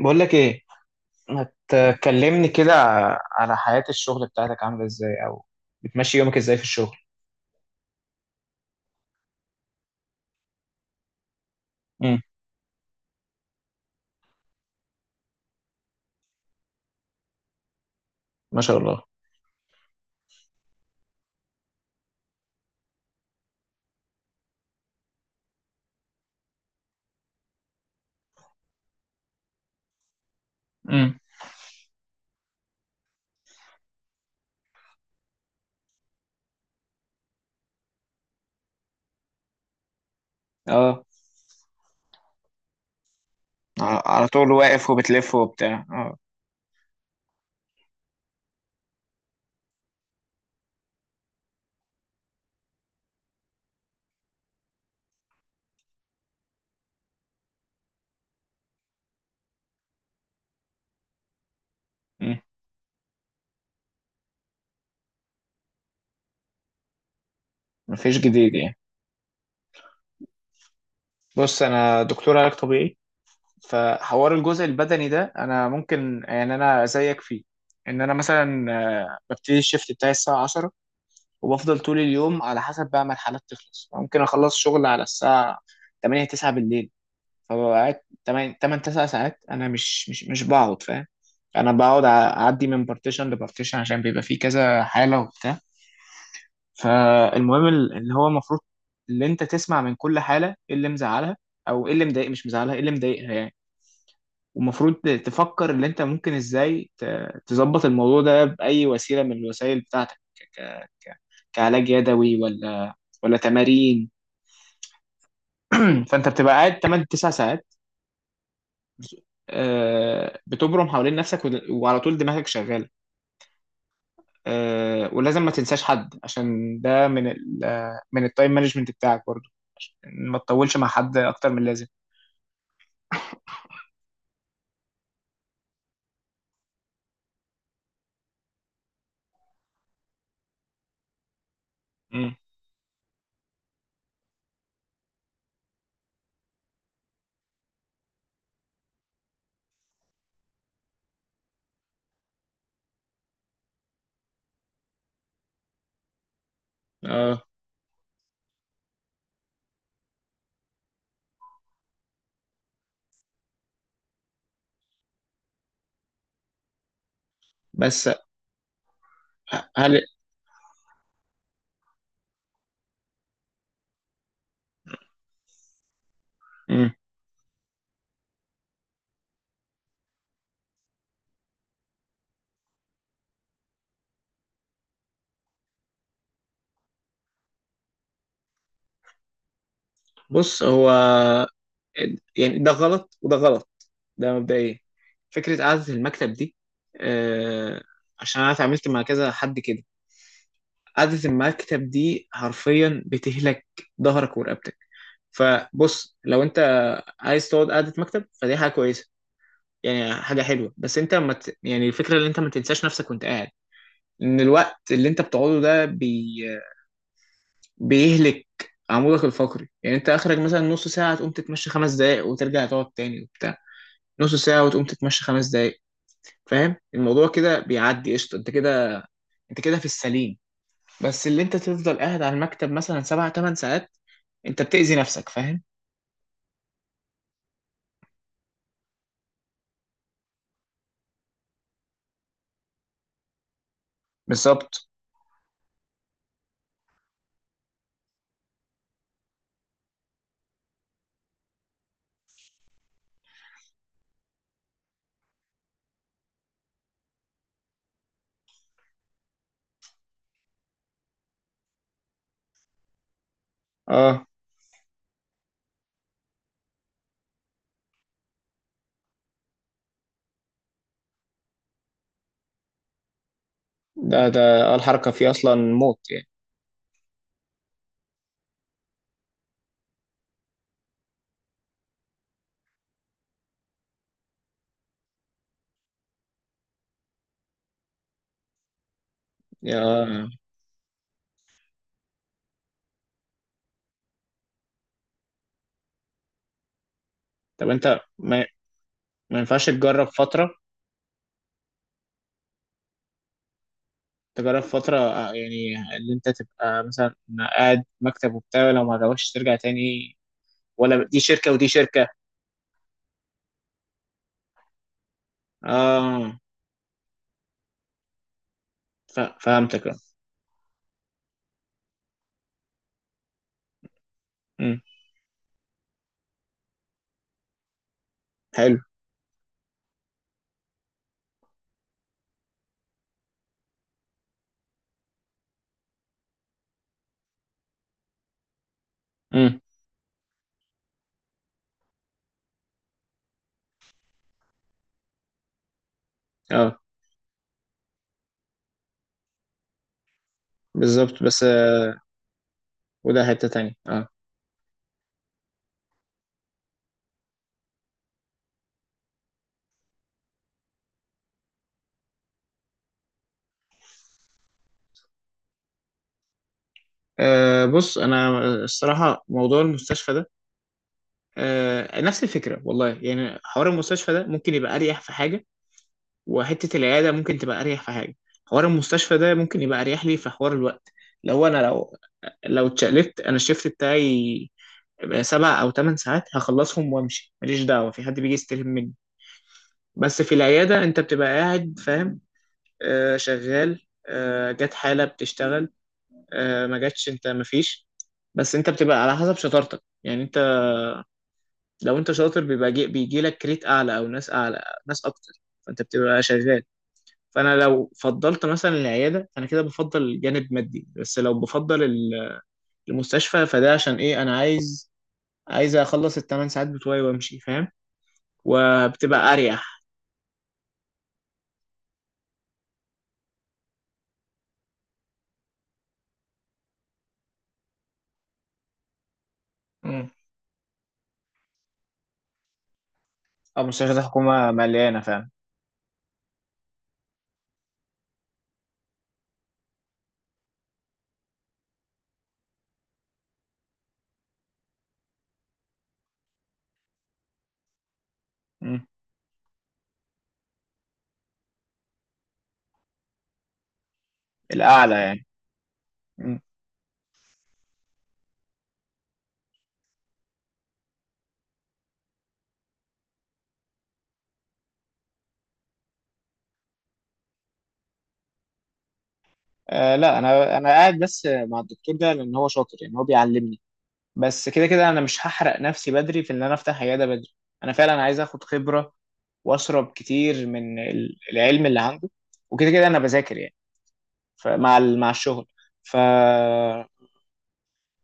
بقول لك ايه، ما تكلمني كده. على حياة الشغل بتاعتك عاملة ازاي، او بتمشي يومك ازاي في الشغل؟ امم. ما شاء الله. امم. اه. على طول واقف وبتلف وبتاع. اه. مم. مفيش جديد يعني؟ بص، انا دكتور علاج طبيعي. فحوار الجزء البدني ده انا ممكن يعني انا زيك فيه. ان انا مثلا، ببتدي الشيفت بتاعي الساعة 10، وبفضل طول اليوم على حسب بقى ما الحالات تخلص. ممكن اخلص شغل على الساعة 8 9 بالليل. فببقى قاعد تمن تسع ساعات. انا مش بقعد، فاهم؟ انا بقعد اعدي من بارتيشن لبارتيشن، عشان بيبقى فيه كذا حاله وبتاع. فالمهم اللي هو المفروض اللي انت تسمع من كل حاله ايه اللي مزعلها، او ايه اللي مضايق مش مزعلها، ايه اللي مضايقها يعني. ومفروض تفكر اللي انت ممكن ازاي تظبط الموضوع ده باي وسيله من الوسائل بتاعتك، كعلاج يدوي ولا تمارين. فانت بتبقى قاعد 8 9 ساعات، بتبرم حوالين نفسك وعلى طول دماغك شغاله. ولازم ما تنساش حد، عشان ده من ال من التايم مانجمنت بتاعك برضو، إن ما تطولش مع حد اكتر من اللازم. مم. اه. بس هل مم. بص هو، يعني ده غلط وده غلط. ده مبدئيا فكره قعده المكتب دي، آه، عشان انا اتعاملت مع كذا حد كده. قعده المكتب دي حرفيا بتهلك ظهرك ورقبتك. فبص، لو انت عايز تقعد قعده مكتب فدي حاجه كويسه، يعني حاجه حلوه. بس انت ما ت... يعني الفكره ان انت ما تنساش نفسك وانت قاعد، ان الوقت اللي انت بتقعده ده بيهلك عمودك الفقري. يعني انت اخرك مثلا نص ساعه تقوم تتمشى خمس دقائق وترجع تقعد تاني وبتاع، نص ساعه وتقوم تتمشى خمس دقائق. فاهم الموضوع كده بيعدي قشطه. انت كده في السليم. بس اللي انت تفضل قاعد على المكتب مثلا سبع ثمان ساعات، انت بتأذي نفسك، فاهم؟ بالظبط. اه. ده ده الحركة فيه أصلا موت يعني. يا طب أنت ما ينفعش تجرب فترة؟ يعني اللي أنت تبقى مثلا قاعد مكتب وبتاع، لو ما عجبكش ترجع تاني. ولا دي شركة ودي شركة. آه. فهمتك، آه. أمم. حلو. أمم. آه. بالظبط، بس وده حتة تانية، آه. بص، انا الصراحه موضوع المستشفى ده نفس الفكره والله. يعني حوار المستشفى ده ممكن يبقى اريح في حاجه، وحتة العيادة ممكن تبقى أريح في حاجة. حوار المستشفى ده ممكن يبقى أريح لي في حوار الوقت. لو لو اتشقلبت أنا الشيفت بتاعي، بقى سبع أو تمن ساعات هخلصهم وأمشي، ماليش دعوة، في حد بيجي يستلم مني. بس في العيادة أنت بتبقى قاعد، فاهم؟ آه، شغال. آه، جت حالة بتشتغل، آه، ما جاتش أنت مفيش. بس أنت بتبقى على حسب شطارتك. يعني أنت لو أنت شاطر بيبقى بيجي لك كريت أعلى، أو ناس أعلى، ناس أكتر، فأنت بتبقى شغال. فانا لو فضلت مثلا العياده، فانا كده بفضل جانب مادي. بس لو بفضل المستشفى، فده عشان ايه؟ انا عايز، اخلص الثمان ساعات بتوعي وامشي، فاهم؟ وبتبقى اريح. امم. اه، مستشفيات الحكومة مليانة فعلا. امم. الأعلى يعني. امم. آه، لا. انا قاعد بس مع الدكتور ده لان هو شاطر، يعني هو بيعلمني. بس كده كده انا مش هحرق نفسي بدري في ان انا افتح عياده بدري. انا فعلا عايز اخد خبره، واشرب كتير من العلم اللي عنده. وكده كده انا بذاكر يعني، فمع مع الشغل. فانا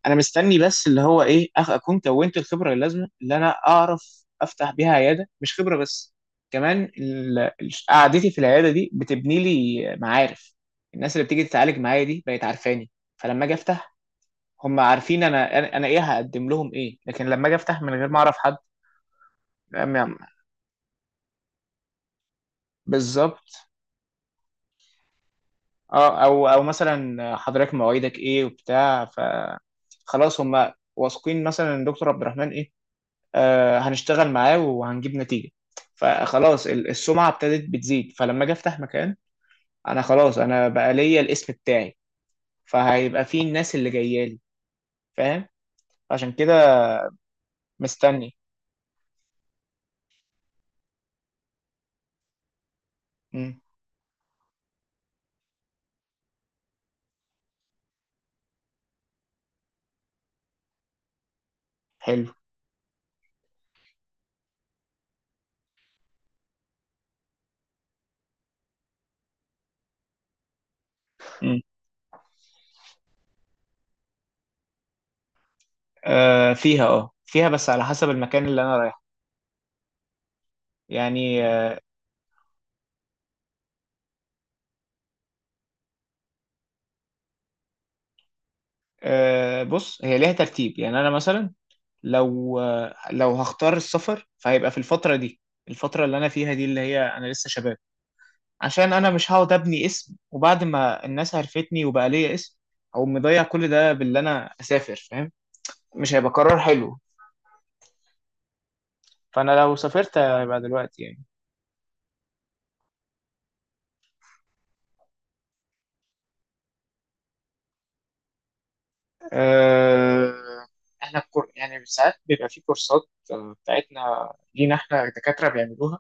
مستني بس اللي هو ايه، اكون كونت الخبره اللازمه اللي انا اعرف افتح بيها عياده. مش خبره بس، كمان قعدتي في العياده دي بتبني لي معارف. الناس اللي بتيجي تتعالج معايا دي بقت عارفاني، فلما اجي افتح هم عارفين انا انا أنا ايه هقدم لهم ايه. لكن لما اجي افتح من غير ما اعرف حد، أم- بالظبط. اه. او مثلا حضرتك مواعيدك ايه وبتاع. ف خلاص هم واثقين مثلا ان دكتور عبد الرحمن ايه، هنشتغل معاه وهنجيب نتيجة. فخلاص السمعة ابتدت بتزيد، فلما اجي افتح مكان انا خلاص، انا بقى ليا الاسم بتاعي، فهيبقى فيه الناس اللي جايه لي، فاهم؟ عشان كده مستني. مم. حلو. مم. آه، فيها. اه، فيها بس على حسب المكان اللي انا رايحه يعني. آه، بص هي ليها ترتيب. يعني انا مثلا لو لو هختار السفر فهيبقى في الفترة دي، الفترة اللي انا فيها دي اللي هي انا لسه شباب. عشان انا مش هقعد ابني اسم، وبعد ما الناس عرفتني وبقى ليا اسم، او مضيع كل ده باللي انا اسافر، فاهم؟ مش هيبقى قرار حلو. فانا لو سافرت هيبقى دلوقتي يعني. أه... احنا يعني ساعات بيبقى في كورسات بتاعتنا، لينا احنا دكاترة بيعملوها.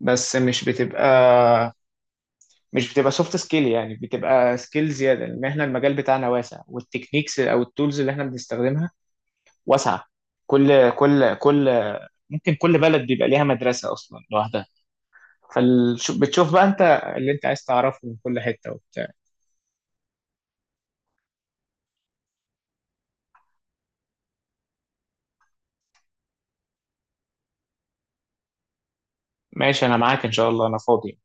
بس مش بتبقى، سوفت سكيل، يعني بتبقى سكيل زيادة، لان احنا المجال بتاعنا واسع، والتكنيكس او التولز اللي احنا بنستخدمها واسعه. كل ممكن كل بلد بيبقى ليها مدرسه اصلا لوحدها. فبتشوف بقى انت اللي انت عايز تعرفه من كل حته وبتاع. ماشي، انا معاك ان شاء الله، انا فاضي.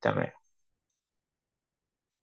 تمام.